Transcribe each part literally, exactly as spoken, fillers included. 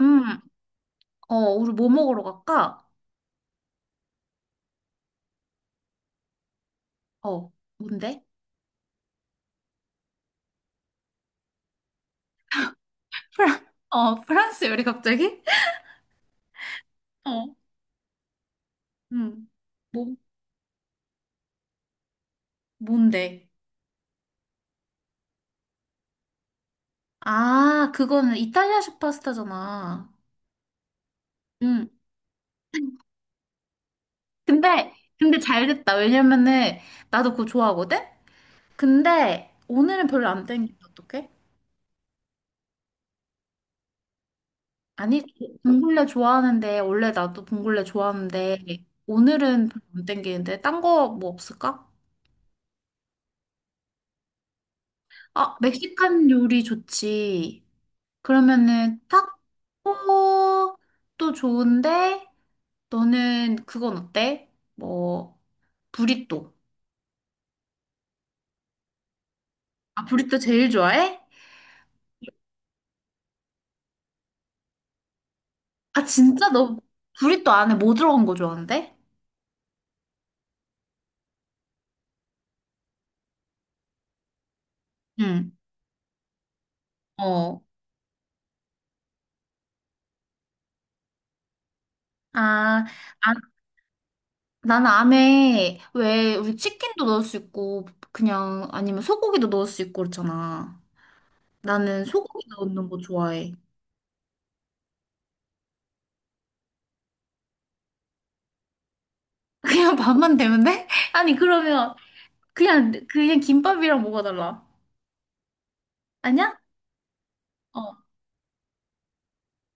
음, 어, 우리 뭐 먹으러 갈까? 어, 뭔데? 프랑, 어, 프랑스 요리 갑자기? 어, 음, 뭐, 뭔데? 아, 그거는 이탈리아식 파스타잖아. 음, 근데, 근데 잘 됐다. 왜냐면은, 나도 그거 좋아하거든? 근데, 오늘은 별로 안 땡긴다, 어떡해? 아니, 봉골레 좋아하는데, 원래 나도 봉골레 좋아하는데, 오늘은 별로 안 땡기는데, 딴 거 뭐 없을까? 아, 멕시칸 요리 좋지. 그러면은 타코도 좋은데 너는 그건 어때? 뭐 브리또. 아, 브리또 제일 좋아해? 아, 진짜? 너 브리또 안에 뭐 들어간 거 좋아하는데? 응. 어. 아, 아, 나는 안에 왜 우리 치킨도 넣을 수 있고 그냥 아니면 소고기도 넣을 수 있고 그렇잖아. 나는 소고기 넣는 거 좋아해. 그냥 밥만 되면 돼? 아니, 그러면 그냥 그냥 김밥이랑 뭐가 달라? 아니야? 어.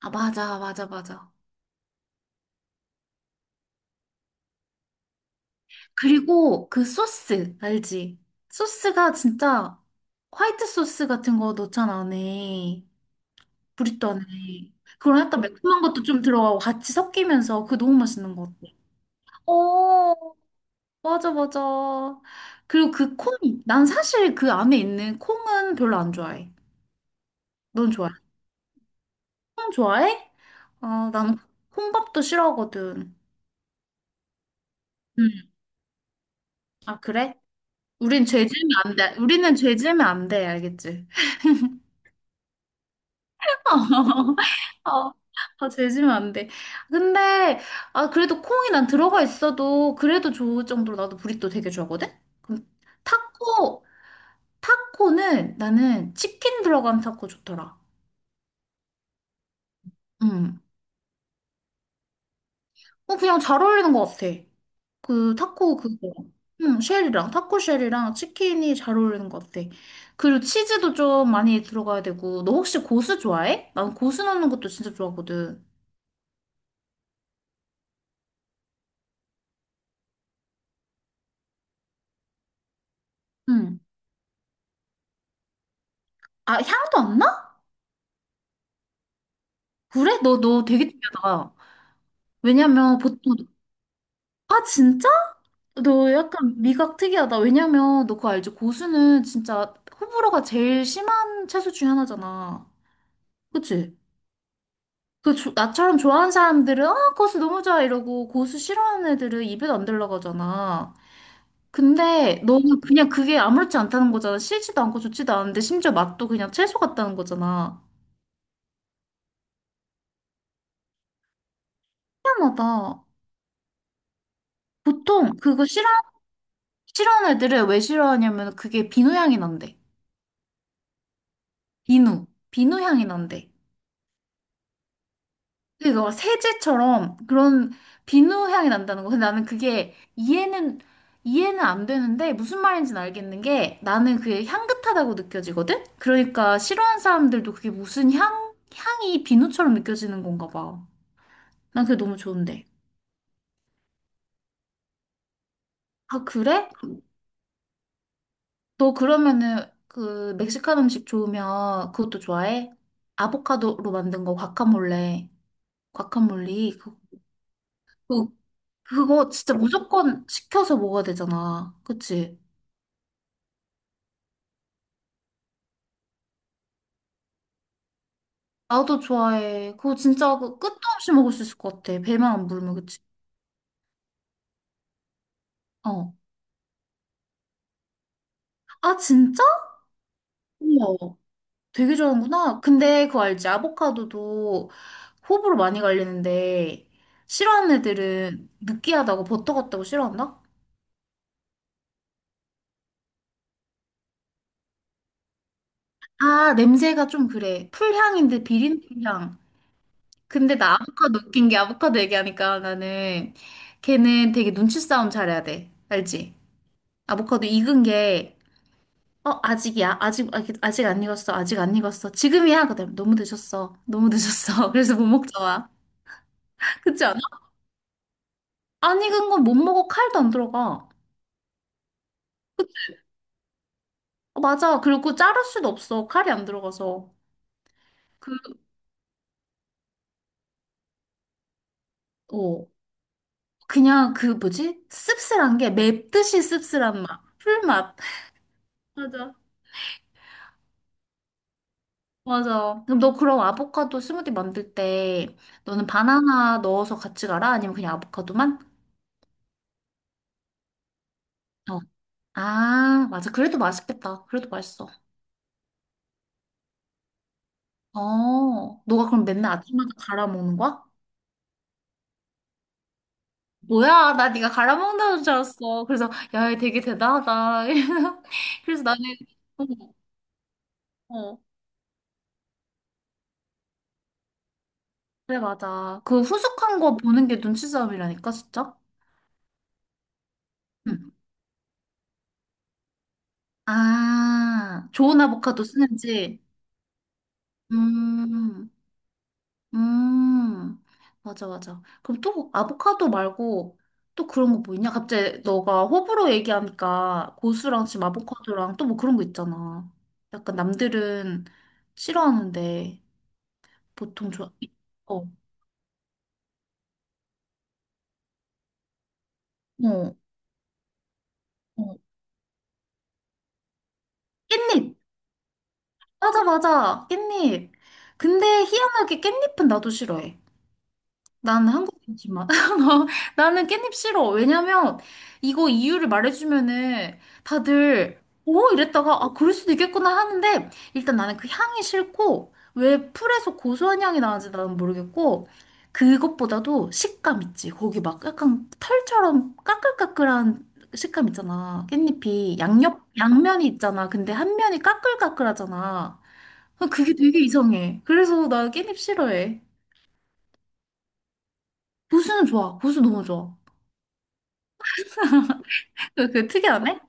아, 맞아, 맞아, 맞아. 그리고 그 소스, 알지? 소스가 진짜 화이트 소스 같은 거 넣잖아, 안에. 브리또 안에. 그런 약간 매콤한 것도 좀 들어가고 같이 섞이면서 그거 너무 맛있는 것 같아. 오, 맞아, 맞아. 그리고 그 콩, 난 사실 그 안에 있는 콩은 별로 안 좋아해. 넌 좋아해? 콩 좋아해? 어, 난 콩밥도 싫어하거든. 응. 아, 그래? 우린 죄 지으면 안 돼. 우리는 죄 지으면 안 돼, 알겠지? 어, 아, 재지면 안 돼. 근데, 아, 그래도 콩이 난 들어가 있어도 그래도 좋을 정도로 나도 브리또 되게 좋아하거든? 그럼 타코, 타코는 나는 치킨 들어간 타코 좋더라. 음. 어, 그냥 잘 어울리는 것 같아. 그 타코 그거. 응, 쉘이랑, 타코 쉘이랑 치킨이 잘 어울리는 것 같아. 그리고 치즈도 좀 많이 들어가야 되고. 너 혹시 고수 좋아해? 난 고수 넣는 것도 진짜 좋아하거든. 응. 아, 향도 안 나? 그래? 너, 너 되게 특이하다. 왜냐면 보통, 아, 진짜? 너 약간 미각 특이하다. 왜냐면 너 그거 알지? 고수는 진짜 호불호가 제일 심한 채소 중에 하나잖아. 그치? 그, 조- 나처럼 좋아하는 사람들은, 아, 고수 너무 좋아, 이러고, 고수 싫어하는 애들은 입에도 안 들어가잖아. 근데 너는 그냥 그게 아무렇지 않다는 거잖아. 싫지도 않고 좋지도 않은데, 심지어 맛도 그냥 채소 같다는 거잖아. 희한하다. 보통 그거 싫어, 싫어하는 애들은 왜 싫어하냐면 그게 비누향이 난대. 비누, 비누 향이 난대. 근데 너가 세제처럼 그런 비누 향이 난다는 거. 근데 나는 그게 이해는, 이해는 안 되는데 무슨 말인지는 알겠는 게 나는 그게 향긋하다고 느껴지거든? 그러니까 싫어하는 사람들도 그게 무슨 향, 향이 비누처럼 느껴지는 건가 봐. 난 그게 너무 좋은데. 아, 그래? 너 그러면은 그 멕시칸 음식 좋으면 그것도 좋아해? 아보카도로 만든 거 과카몰레, 과카몰리. 그 그 그거 진짜 무조건 시켜서 먹어야 되잖아. 그치? 나도 좋아해. 그거 진짜 그 끝도 없이 먹을 수 있을 것 같아. 배만 안 부르면, 그치? 어. 아, 진짜? 우와. 되게 좋아하는구나. 근데 그거 알지? 아보카도도 호불호 많이 갈리는데, 싫어하는 애들은 느끼하다고 버터 같다고 싫어한다? 아, 냄새가 좀 그래. 풀향인데 비린풀향. 근데 나 아보카도 웃긴 게 아보카도 얘기하니까 나는 걔는 되게 눈치 싸움 잘해야 돼. 알지? 아보카도 익은 게, 어, 아직이야. 아직, 아직, 아직 안 익었어. 아직 안 익었어. 지금이야. 그다음 너무 늦었어. 너무 늦었어. 그래서 못 먹잖아. 그렇지 않아? 안 익은 건 못 먹어. 칼도 안 들어가. 어, 맞아. 그리고 자를 수도 없어. 칼이 안 들어가서. 그, 어, 그냥 그 뭐지? 씁쓸한 게 맵듯이 씁쓸한 맛. 풀맛. 맞아. 맞아. 그럼 너 그럼 아보카도 스무디 만들 때 너는 바나나 넣어서 같이 가라? 아니면 그냥 아보카도만? 어. 아, 맞아. 그래도 맛있겠다. 그래도 맛있어. 어, 너가 그럼 맨날 아침마다 갈아 먹는 거야? 뭐야, 나 네가 갈아 먹는다는 줄 알았어. 그래서 야, 얘 되게 대단하다. 그래서 나는 어, 어. 그래, 맞아. 그 후숙한 거 보는 게 눈치 싸움이라니까, 진짜. 응. 아, 좋은 아보카도 쓰는지. 음, 음, 맞아, 맞아. 그럼 또 아보카도 말고 또 그런 거 뭐 있냐? 갑자기 너가 호불호 얘기하니까 고수랑 지금 아보카도랑 또 뭐 그런 거 있잖아. 약간 남들은 싫어하는데 보통 좋아. 어, 어, 어. 깻잎. 맞아, 맞아. 깻잎. 근데 희한하게 깻잎은 나도 싫어해. 나는 한국 김치만. 나는 깻잎 싫어. 왜냐면 이거 이유를 말해주면은 다들 오 이랬다가 아 그럴 수도 있겠구나 하는데, 일단 나는 그 향이 싫고 왜 풀에서 고소한 향이 나는지 나는 모르겠고, 그것보다도 식감 있지. 거기 막 약간 털처럼 까끌까끌한 식감 있잖아. 깻잎이 양옆 양면이 있잖아. 근데 한 면이 까끌까끌하잖아. 그게 되게 이상해. 그래서 나 깻잎 싫어해. 고수는 좋아. 고수 너무 좋아. 그, 그 특이하네?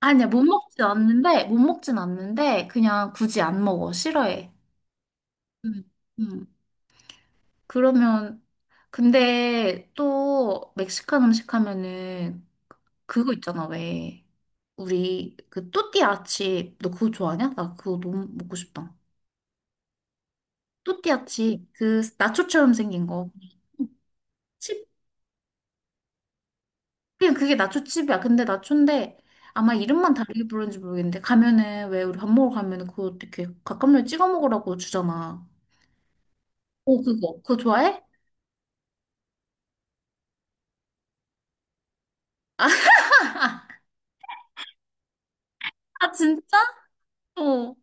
아니야, 못 먹진 않는데, 못 먹진 않는데, 그냥 굳이 안 먹어. 싫어해. 음, 음. 그러면, 근데 또 멕시칸 음식 하면은 그거 있잖아, 왜. 우리 그 또띠아 칩, 너 그거 좋아하냐? 나 그거 너무 먹고 싶다. 또띠아 칩, 그 나초처럼 생긴 거. 칩, 그냥 그게 나초 칩이야. 근데 나초인데, 아마 이름만 다르게 부르는지 모르겠는데, 가면은, 왜 우리 밥 먹으러 가면은 그거 어떻게 갓감면 찍어 먹으라고 주잖아. 오, 그거. 그거 좋아해? 아, 진짜? 어.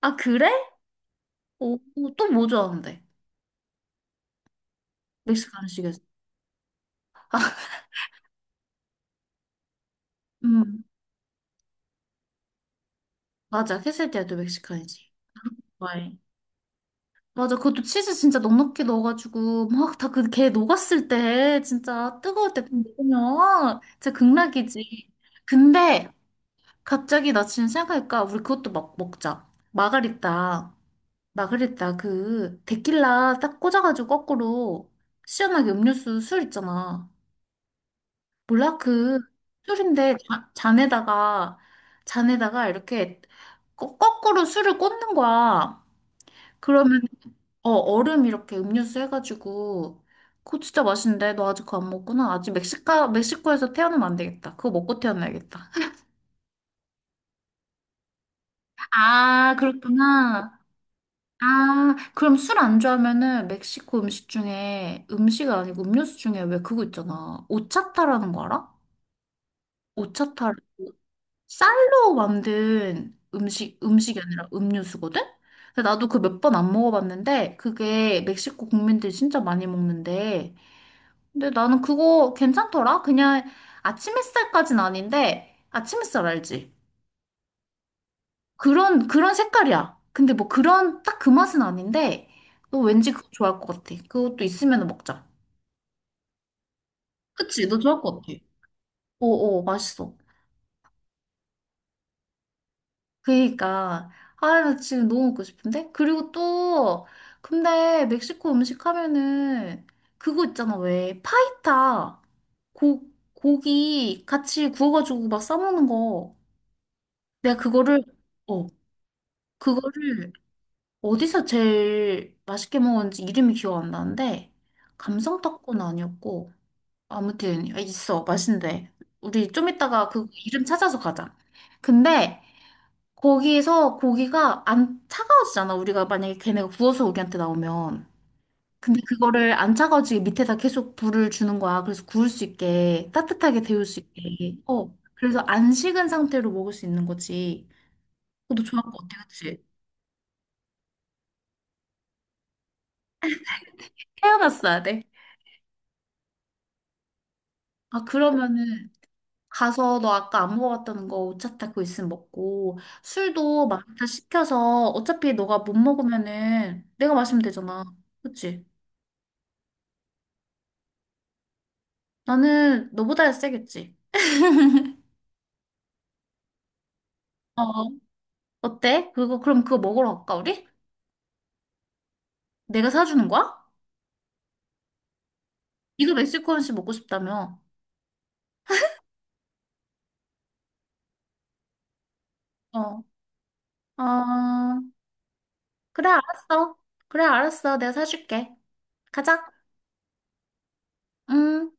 아, 그래? 오, 또 뭐 좋아하는데? 멕시칸식에서. 음, 맞아. 퀘세디아도 멕시칸이지. 좋아해. 맞아. 그것도 치즈 진짜 넉넉히 넣어가지고, 막 다 그 걔 녹았을 때, 진짜 뜨거울 때 먹으면, 진짜 극락이지. 근데, 갑자기 나 지금 생각하니까, 우리 그것도 막 먹자. 마가리따. 마가리따, 그, 데킬라 딱 꽂아가지고 거꾸로, 시원하게 음료수 술 있잖아. 몰라, 그, 술인데, 잔- 잔에다가, 잔에다가 이렇게 거, 거꾸로 술을 꽂는 거야. 그러면, 어, 얼음 이렇게 음료수 해가지고, 그거 진짜 맛있는데, 너 아직 그거 안 먹구나. 아직 멕시카, 멕시코에서 태어나면 안 되겠다. 그거 먹고 태어나야겠다. 아, 그렇구나. 아, 그럼 술 안 좋아하면은 멕시코 음식 중에, 음식 아니고 음료수 중에 왜 그거 있잖아. 오차타라는 거 알아? 오차타. 쌀로 만든 음식, 음식이 아니라 음료수거든? 근데 나도 그 몇 번 안 먹어봤는데, 그게 멕시코 국민들이 진짜 많이 먹는데, 근데 나는 그거 괜찮더라? 그냥 아침 햇살까진 아닌데, 아침 햇살 알지? 그런, 그런 색깔이야. 근데 뭐 그런, 딱 그 맛은 아닌데, 너 왠지 그거 좋아할 것 같아. 그것도 있으면 먹자. 그치? 너 좋아할 것 같아. 어어, 맛있어. 그니까 아 나 지금 너무 먹고 싶은데, 그리고 또 근데 멕시코 음식 하면은 그거 있잖아, 왜, 파이타. 고 고기 같이 구워가지고 막 싸먹는 거. 내가 그거를 어 그거를 어디서 제일 맛있게 먹었는지 이름이 기억 안 나는데, 감성떡은 아니었고, 아무튼 있어 맛있는데, 우리 좀 이따가 그 이름 찾아서 가자. 근데 거기에서 고기가 안 차가워지잖아. 우리가 만약에 걔네가 구워서 우리한테 나오면. 근데 그거를 안 차가워지게 밑에다 계속 불을 주는 거야. 그래서 구울 수 있게, 따뜻하게 데울 수 있게. 어. 그래서 안 식은 상태로 먹을 수 있는 거지. 너도 좋아할 거 같아, 그치? 태어났어야 돼. 아, 그러면은 가서 너 아까 안 먹어봤다는 거 오차타 그거 있으면 먹고 술도 마라식 시켜서, 어차피 너가 못 먹으면은 내가 마시면 되잖아. 그치? 나는 너보다 세겠지. 어, 어때? 그거, 그럼 그거 먹으러 갈까, 우리? 내가 사주는 거야? 이거 멕시코 음식 먹고 싶다며. 어, 어, 그래, 알았어. 그래, 알았어. 내가 사줄게. 가자. 음.